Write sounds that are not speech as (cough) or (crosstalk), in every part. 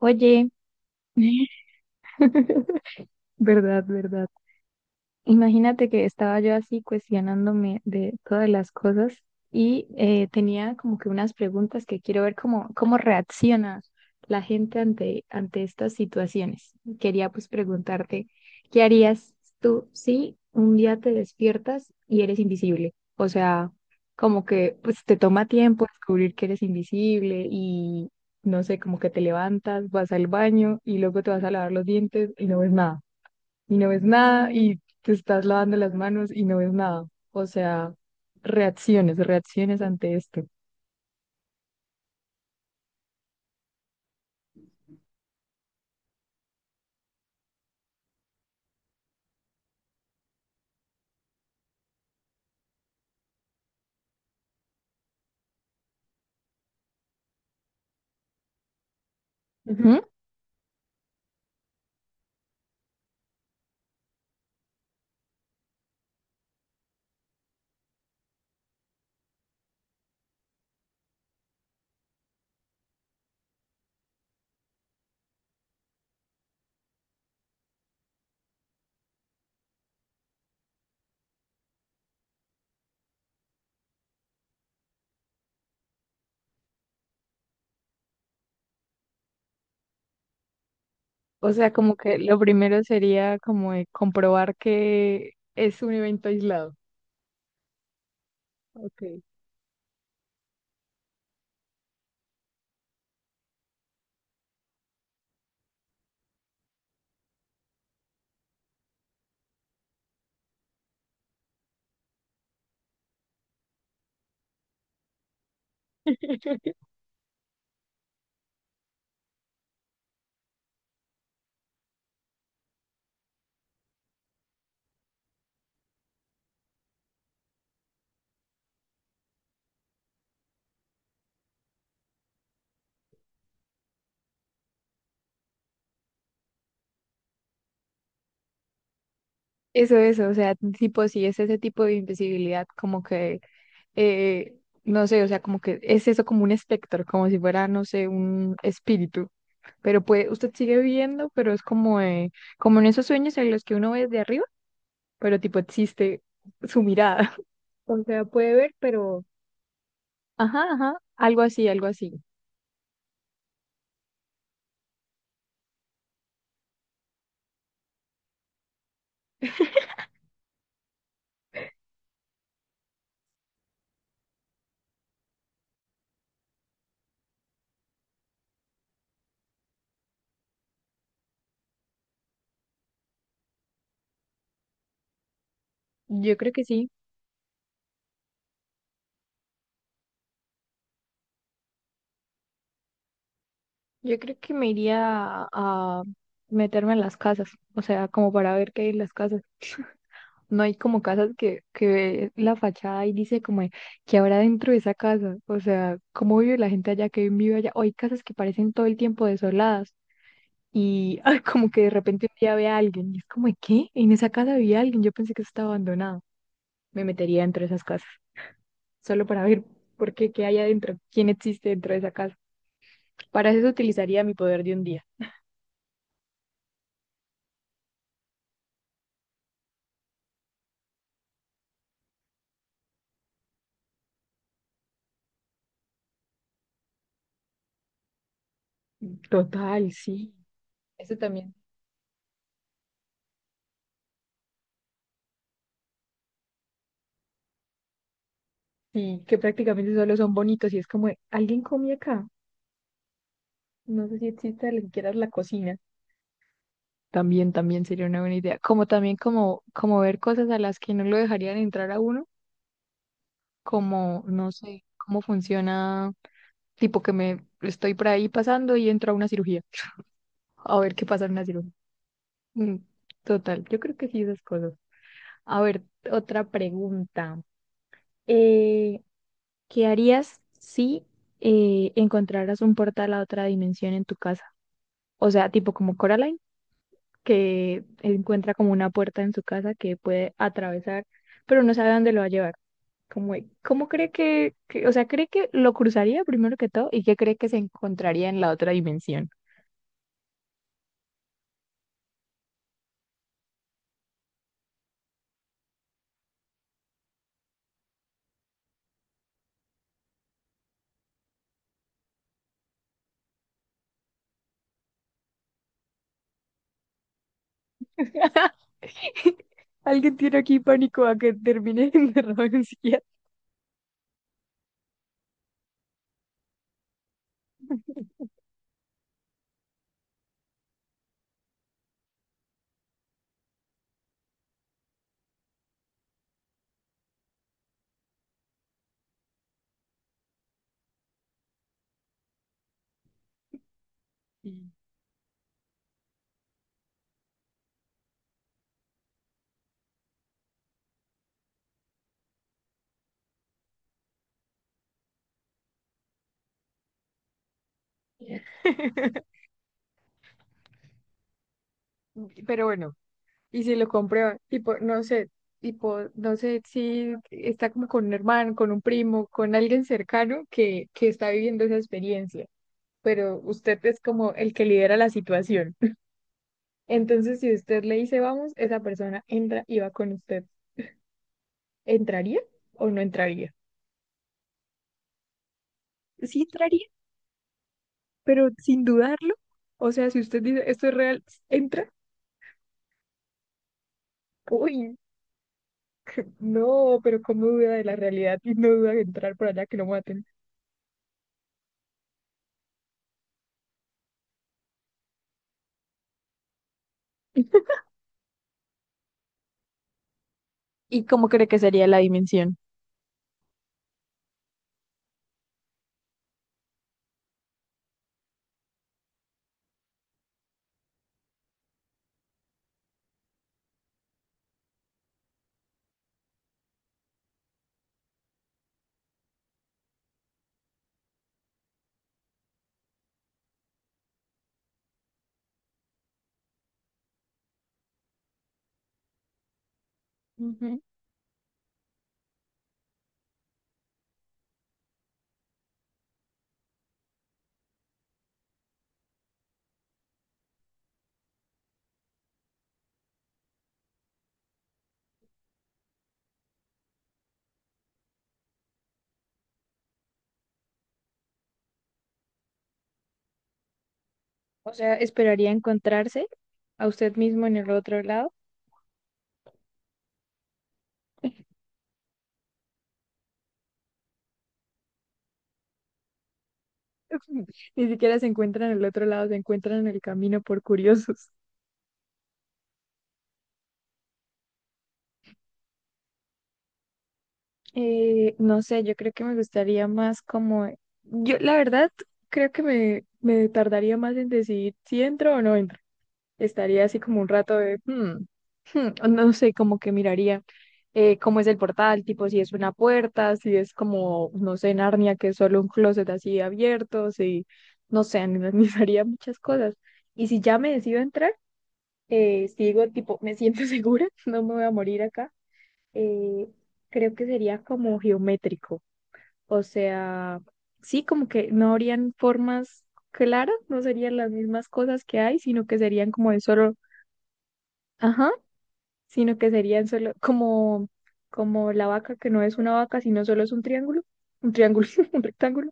Oye, (laughs) ¿verdad, verdad? Imagínate que estaba yo así cuestionándome de todas las cosas y tenía como que unas preguntas que quiero ver cómo reacciona la gente ante estas situaciones. Quería pues preguntarte, ¿qué harías tú si un día te despiertas y eres invisible? O sea, como que pues te toma tiempo descubrir que eres invisible y no sé, como que te levantas, vas al baño y luego te vas a lavar los dientes y no ves nada y no ves nada y te estás lavando las manos y no ves nada. O sea, reacciones ante esto. Ujú. O sea, como que lo primero sería como de comprobar que es un evento aislado. Ok. (laughs) Eso, o sea, tipo, si es ese tipo de invisibilidad, como que, eh, no sé, o sea, como que es eso como un espectro, como si fuera, no sé, un espíritu. Pero puede, usted sigue viendo, pero es como, como en esos sueños en los que uno ve desde arriba, pero tipo existe su mirada. (laughs) O sea, puede ver, pero... Ajá, ajá, algo así, algo así. Yo creo que sí. Yo creo que me iría a meterme en las casas, o sea, como para ver qué hay en las casas. (laughs) No hay como casas que ve la fachada y dice como que habrá dentro de esa casa, o sea, cómo vive la gente allá, que vive allá. O hay casas que parecen todo el tiempo desoladas y (laughs) ah, como que de repente un día ve a alguien y es como, ¿qué? En esa casa había alguien, yo pensé que eso estaba abandonado. Me metería dentro de esas casas, solo para ver por qué hay adentro, quién existe dentro de esa casa. Para eso utilizaría mi poder de un día. Total, sí. Eso también. Sí, que prácticamente solo son bonitos y es como, ¿alguien come acá? No sé si existe ni siquiera la cocina. También sería una buena idea. Como también como ver cosas a las que no lo dejarían entrar a uno, como, no sé, cómo funciona, tipo que me estoy por ahí pasando y entro a una cirugía. A ver qué pasa en una cirugía. Mm, Total, yo creo que sí esas cosas. A ver, otra pregunta. Eh, ¿Qué harías si encontraras un portal a otra dimensión en tu casa? O sea, tipo como Coraline, que encuentra como una puerta en su casa que puede atravesar, pero no sabe dónde lo va a llevar. ¿Cómo, cómo cree que- o sea, cree que lo cruzaría primero que todo y qué cree que se encontraría en la otra dimensión? (laughs) Alguien tiene aquí pánico a que termine (laughs) en un psiquiatra. Mm. (laughs) Pero bueno. Y si lo compré, tipo, no sé si está como con un hermano, con un primo, con alguien cercano que está viviendo esa experiencia, pero usted es como el que lidera la situación. (laughs) Entonces, si usted le dice vamos, esa persona entra y va con usted. ¿Entraría o no entraría? Sí entraría, pero sin dudarlo. O sea, si usted dice esto es real, entra. Uy, (laughs) no, pero ¿cómo duda de la realidad (laughs) y no duda de entrar por allá que lo maten? (laughs) ¿Y cómo cree que sería la dimensión? Ujú. O sea, esperaría encontrarse a usted mismo en el otro lado. (laughs) Ni siquiera se encuentran en el otro lado, se encuentran en el camino por curiosos. No sé, yo creo que me gustaría más como, yo la verdad creo que me tardaría más en decidir si entro o no entro. Estaría así como un rato de, o no sé, como que miraría cómo es el portal, tipo si es una puerta, si es como, no sé, Narnia, que es solo un closet así abierto, si, no sé, (laughs) analizaría muchas cosas. Y si ya me decido entrar, si digo, tipo, me siento (laughs) segura, no me voy a morir acá, eh, creo que sería como geométrico, o sea, sí, como que no habrían formas claras, no serían las mismas cosas que hay, sino que serían como de solo... Ajá, sino que serían solo como, como la vaca, que no es una vaca, sino solo es un triángulo, (laughs) un rectángulo.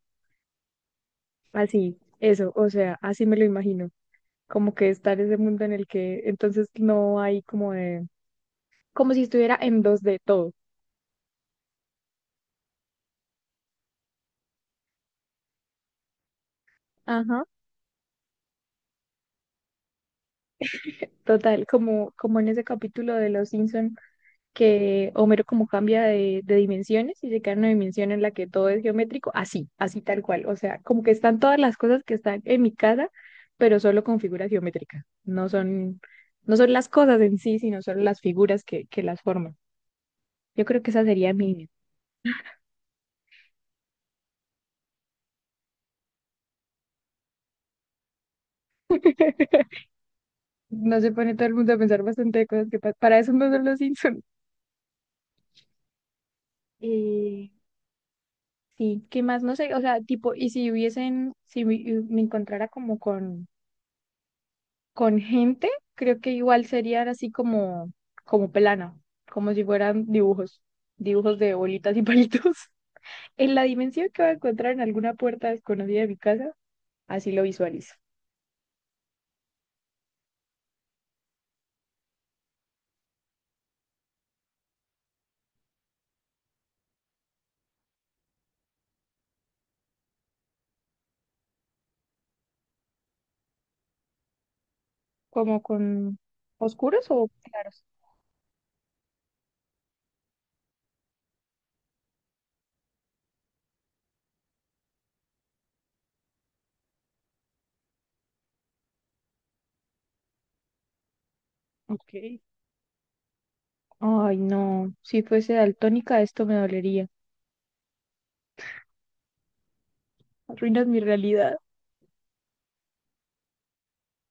Así, eso, o sea, así me lo imagino, como que está en ese mundo en el que entonces no hay como de, como si estuviera en dos d todo. Ajá. Total, como, como en ese capítulo de Los Simpson que Homero como cambia de dimensiones y se queda en una dimensión en la que todo es geométrico, así, así tal cual. O sea, como que están todas las cosas que están en mi casa, pero solo con figuras geométricas. No son, no son las cosas en sí, sino solo las figuras que las forman. Yo creo que esa sería mi... (laughs) No se pone todo el mundo a pensar bastante de cosas que pa- Para eso no son los Simpsons. Eh, sí, ¿qué más? No sé, o sea, tipo, y si hubiesen, si me, me encontrara como con gente, creo que igual serían así como, como plana, como si fueran dibujos, dibujos de bolitas y palitos. (laughs) En la dimensión que voy a encontrar en alguna puerta desconocida de mi casa, así lo visualizo. ¿Como con oscuros o claros? Ok. Ay, no, si fuese daltónica esto me dolería. Arruinas mi realidad.